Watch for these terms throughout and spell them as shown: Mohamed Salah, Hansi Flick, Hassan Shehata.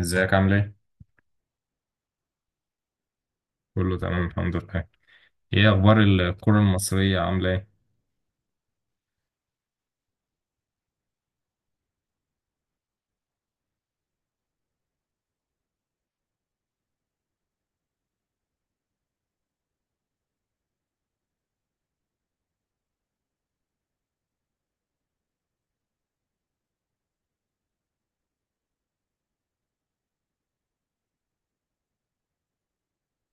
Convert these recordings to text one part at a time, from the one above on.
ازيك عامل ايه؟ كله تمام الحمد لله. ايه اخبار الكرة المصرية عاملة ايه؟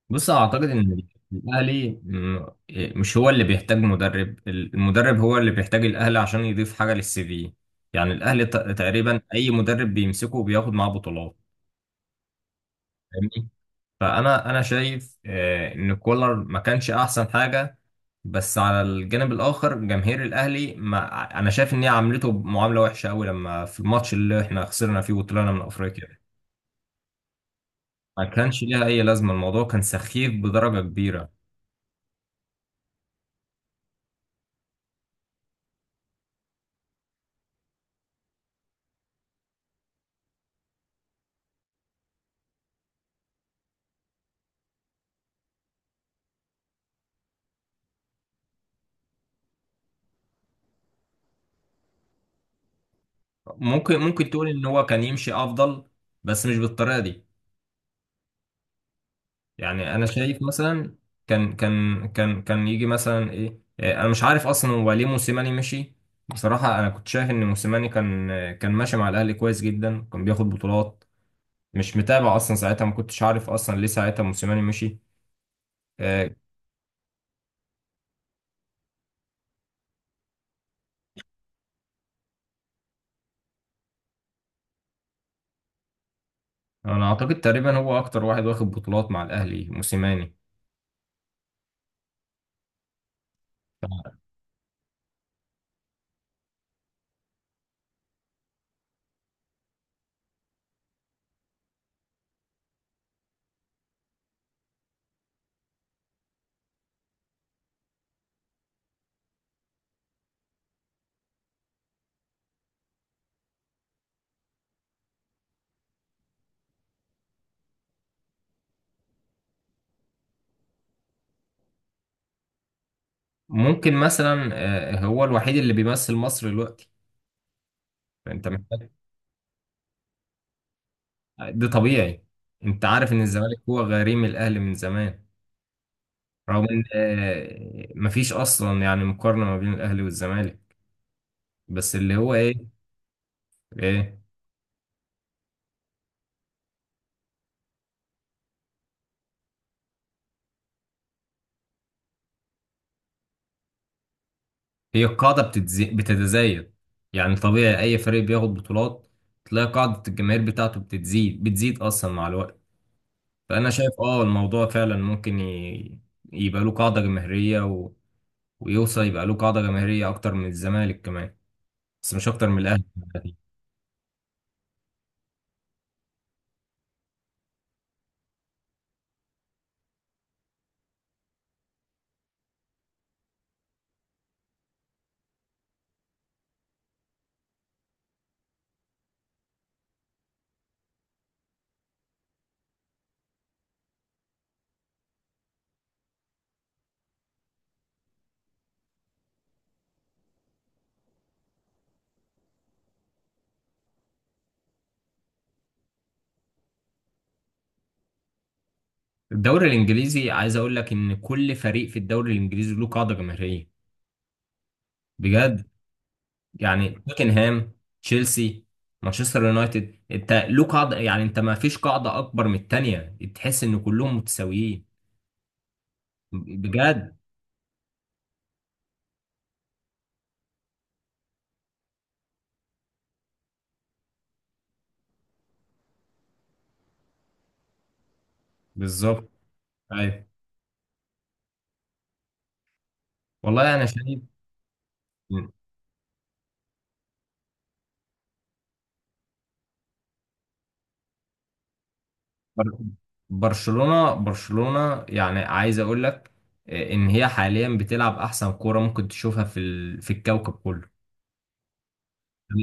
بص اعتقد ان الاهلي م- مش هو اللي بيحتاج مدرب، المدرب هو اللي بيحتاج الاهلي عشان يضيف حاجه للسي في. يعني الاهلي تقريبا اي مدرب بيمسكه بياخد معاه بطولات. فاهمني. فانا شايف ان كولر ما كانش احسن حاجه. بس على الجانب الاخر جماهير الاهلي، ما انا شايف ان هي عاملته معامله وحشه قوي لما في الماتش اللي احنا خسرنا فيه وطلعنا من افريقيا. ما كانش ليها اي لازمه، الموضوع كان سخيف بدرجه كبيره. ممكن تقول ان هو كان يمشي افضل، بس مش بالطريقه دي. يعني انا شايف مثلا كان يجي مثلا ايه إيه، انا مش عارف اصلا هو ليه موسيماني مشي. بصراحه انا كنت شايف ان موسيماني كان كان ماشي مع الاهلي كويس جدا، كان بياخد بطولات. مش متابع اصلا ساعتها، ما كنتش عارف اصلا ليه ساعتها موسيماني مشي. آه، انا اعتقد تقريبا هو اكتر واحد واخد بطولات مع الاهلي موسيماني. ممكن مثلا هو الوحيد اللي بيمثل مصر دلوقتي، فانت محتاج. ده طبيعي، انت عارف ان الزمالك هو غريم الاهلي من زمان. رغم ان مفيش اصلا يعني مقارنة ما بين الاهلي والزمالك، بس اللي هو ايه. ايه. بتتزايد. يعني طبيعي اي فريق بياخد بطولات تلاقي قاعدة الجماهير بتاعته بتتزيد، بتزيد اصلا مع الوقت. فانا شايف اه الموضوع فعلا يبقى له قاعدة جماهيرية، ويوصل يبقى له قاعدة جماهيرية أكتر من الزمالك كمان، بس مش أكتر من الأهلي. الدوري الإنجليزي عايز أقول لك إن كل فريق في الدوري الإنجليزي له قاعدة جماهيرية، بجد. يعني توتنهام، تشيلسي، مانشستر يونايتد، أنت له قاعدة، يعني أنت ما فيش قاعدة أكبر من التانية، تحس إن كلهم متساويين، بجد. بالظبط. أيوه. والله أنا شايف. بر- برشلونة يعني عايز اقول لك ان هي حاليا بتلعب احسن كورة ممكن تشوفها في الكوكب كله.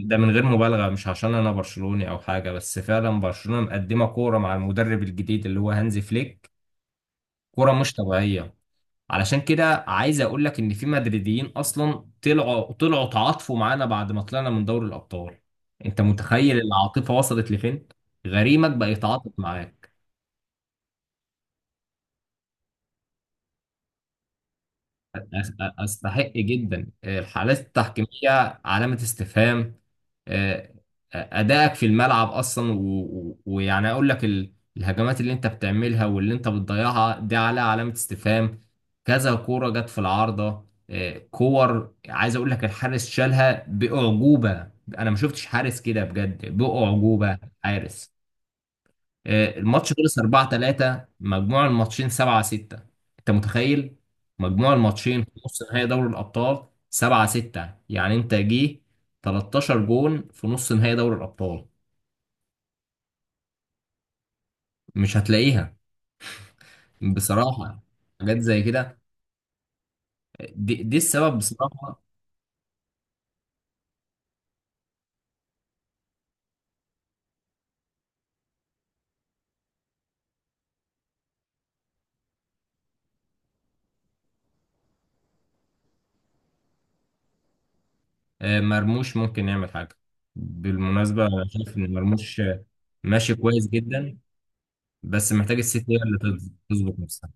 ده من غير مبالغة، مش عشان انا برشلوني او حاجة، بس فعلا برشلونة مقدمة كورة مع المدرب الجديد اللي هو هانزي فليك، كورة مش طبيعية. علشان كده عايز اقول لك ان في مدريديين اصلا طلعوا تعاطفوا معانا بعد ما طلعنا من دوري الابطال. انت متخيل العاطفة وصلت لفين؟ غريمك بقى يتعاطف معاك. أستحق جدا، الحالات التحكيمية علامة استفهام. آه، أدائك في الملعب أصلا، ويعني أقول لك الهجمات اللي أنت بتعملها واللي أنت بتضيعها دي عليها علامة استفهام. كذا كورة جت في العارضة. كور، عايز أقول لك الحارس شالها بأعجوبة. أنا ما شفتش حارس كده بجد، بأعجوبة. حارس. الماتش خلص 4 3، مجموع الماتشين 7 6. انت متخيل مجموع الماتشين في نص نهائي دوري الابطال 7 6؟ يعني انت جه 13 جون في نص نهائي دوري الابطال، مش هتلاقيها. بصراحة، حاجات زي كده. دي السبب بصراحة. مرموش ممكن يعمل حاجة. بالمناسبة انا شايف ان مرموش ماشي كويس جدا، بس محتاج السيتي هي اللي تظبط نفسها.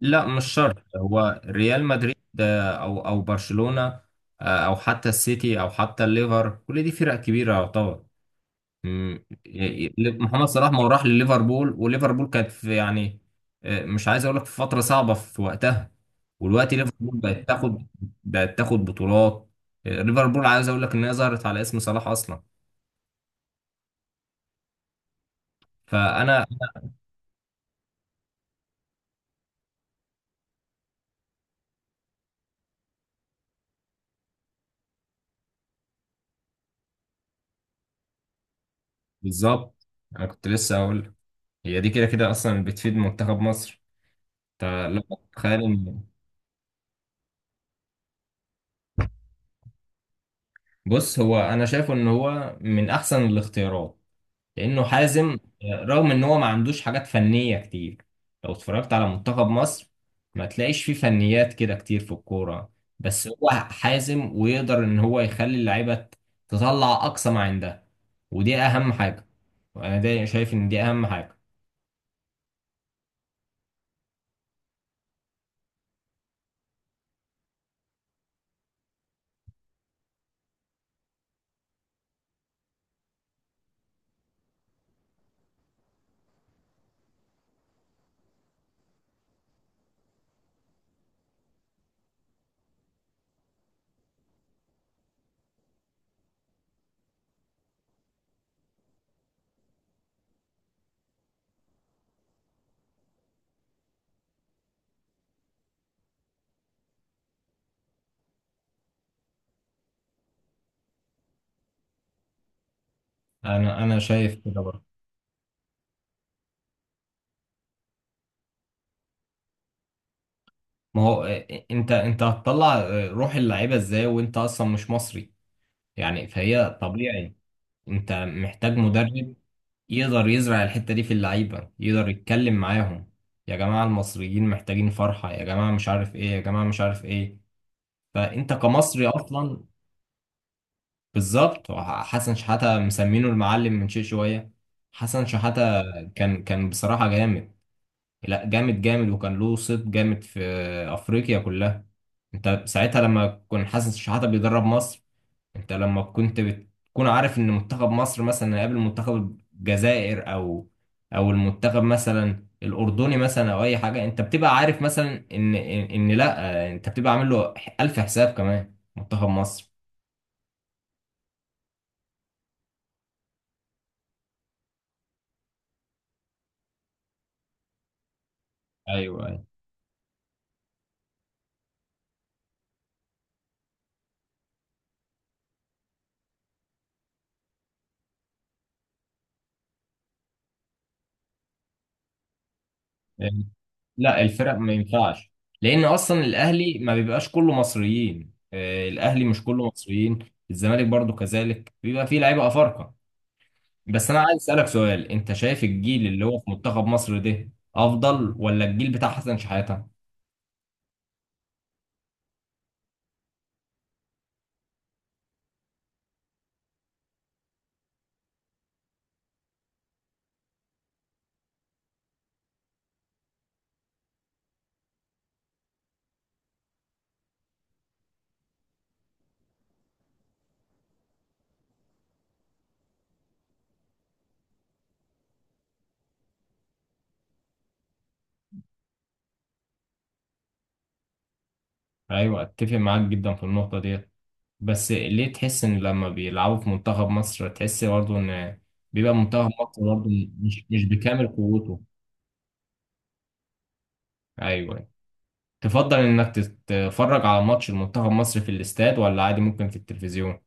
لا مش شرط هو ريال مدريد او برشلونة. او حتى السيتي او حتى الليفر، كل دي فرق كبيرة يعتبر. محمد صلاح ما هو راح لليفربول، وليفربول كانت في يعني مش عايز اقول لك في فترة صعبة في وقتها، ودلوقتي ليفربول بقت تاخد بطولات. ليفربول عايز اقول لك ان هي ظهرت على اسم صلاح اصلا. فانا. بالظبط. انا كنت لسه اقول هي دي كده كده اصلا بتفيد منتخب مصر، انت لو تخيل. بص هو انا شايفه ان هو من احسن الاختيارات، لانه حازم. رغم ان هو ما عندوش حاجات فنيه كتير، لو اتفرجت على منتخب مصر ما تلاقيش فيه فنيات كده كتير في الكوره، بس هو حازم ويقدر ان هو يخلي اللعيبه تطلع اقصى ما عندها، ودي اهم حاجه. انا ده شايف ان دي اهم حاجه. انا شايف كده برضه. ما هو إيه، انت انت هتطلع روح اللعيبه ازاي وانت اصلا مش مصري؟ يعني فهي طبيعي. انت محتاج مدرب يقدر يزرع الحتة دي في اللعيبة، يقدر يتكلم معاهم، يا جماعة المصريين محتاجين فرحة، يا جماعة مش عارف ايه، يا جماعة مش عارف ايه. فانت كمصري اصلا. بالظبط. حسن شحاتة مسمينه المعلم من شيء شوية. حسن شحاتة كان كان بصراحة جامد، لا جامد جامد، وكان له صيت جامد في افريقيا كلها. انت ساعتها لما كان حسن شحاتة بيدرب مصر، انت لما كنت بتكون عارف ان منتخب مصر مثلا هيقابل منتخب الجزائر او او المنتخب مثلا الاردني مثلا او اي حاجه، انت بتبقى عارف مثلا ان ان إن لا، انت بتبقى عامل له الف حساب كمان منتخب مصر. ايوه ايوه. لا الفرق ما ينفعش، لان اصلا الاهلي ما بيبقاش كله مصريين، الاهلي مش كله مصريين، الزمالك برضو كذلك بيبقى فيه لعيبه افارقه. بس انا عايز اسالك سؤال، انت شايف الجيل اللي هو في منتخب مصر ده افضل ولا الجيل بتاع حسن شحاته؟ ايوه اتفق معاك جدا في النقطه ديت، بس ليه تحس ان لما بيلعبوا في منتخب مصر تحس برضه ان بيبقى منتخب مصر برضه مش بكامل قوته؟ ايوه. تفضل انك تتفرج على ماتش المنتخب مصر في الاستاد ولا عادي ممكن في التلفزيون؟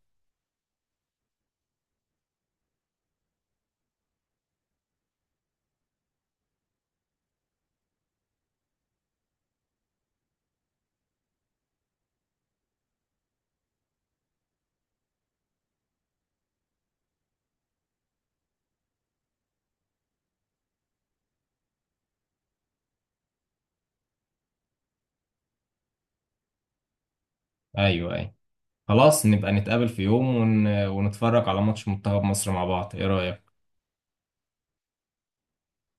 ايوه ايوه. خلاص نبقى نتقابل في يوم ونتفرج على ماتش منتخب مصر مع بعض، ايه رايك؟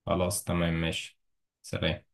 خلاص تمام ماشي، سلام.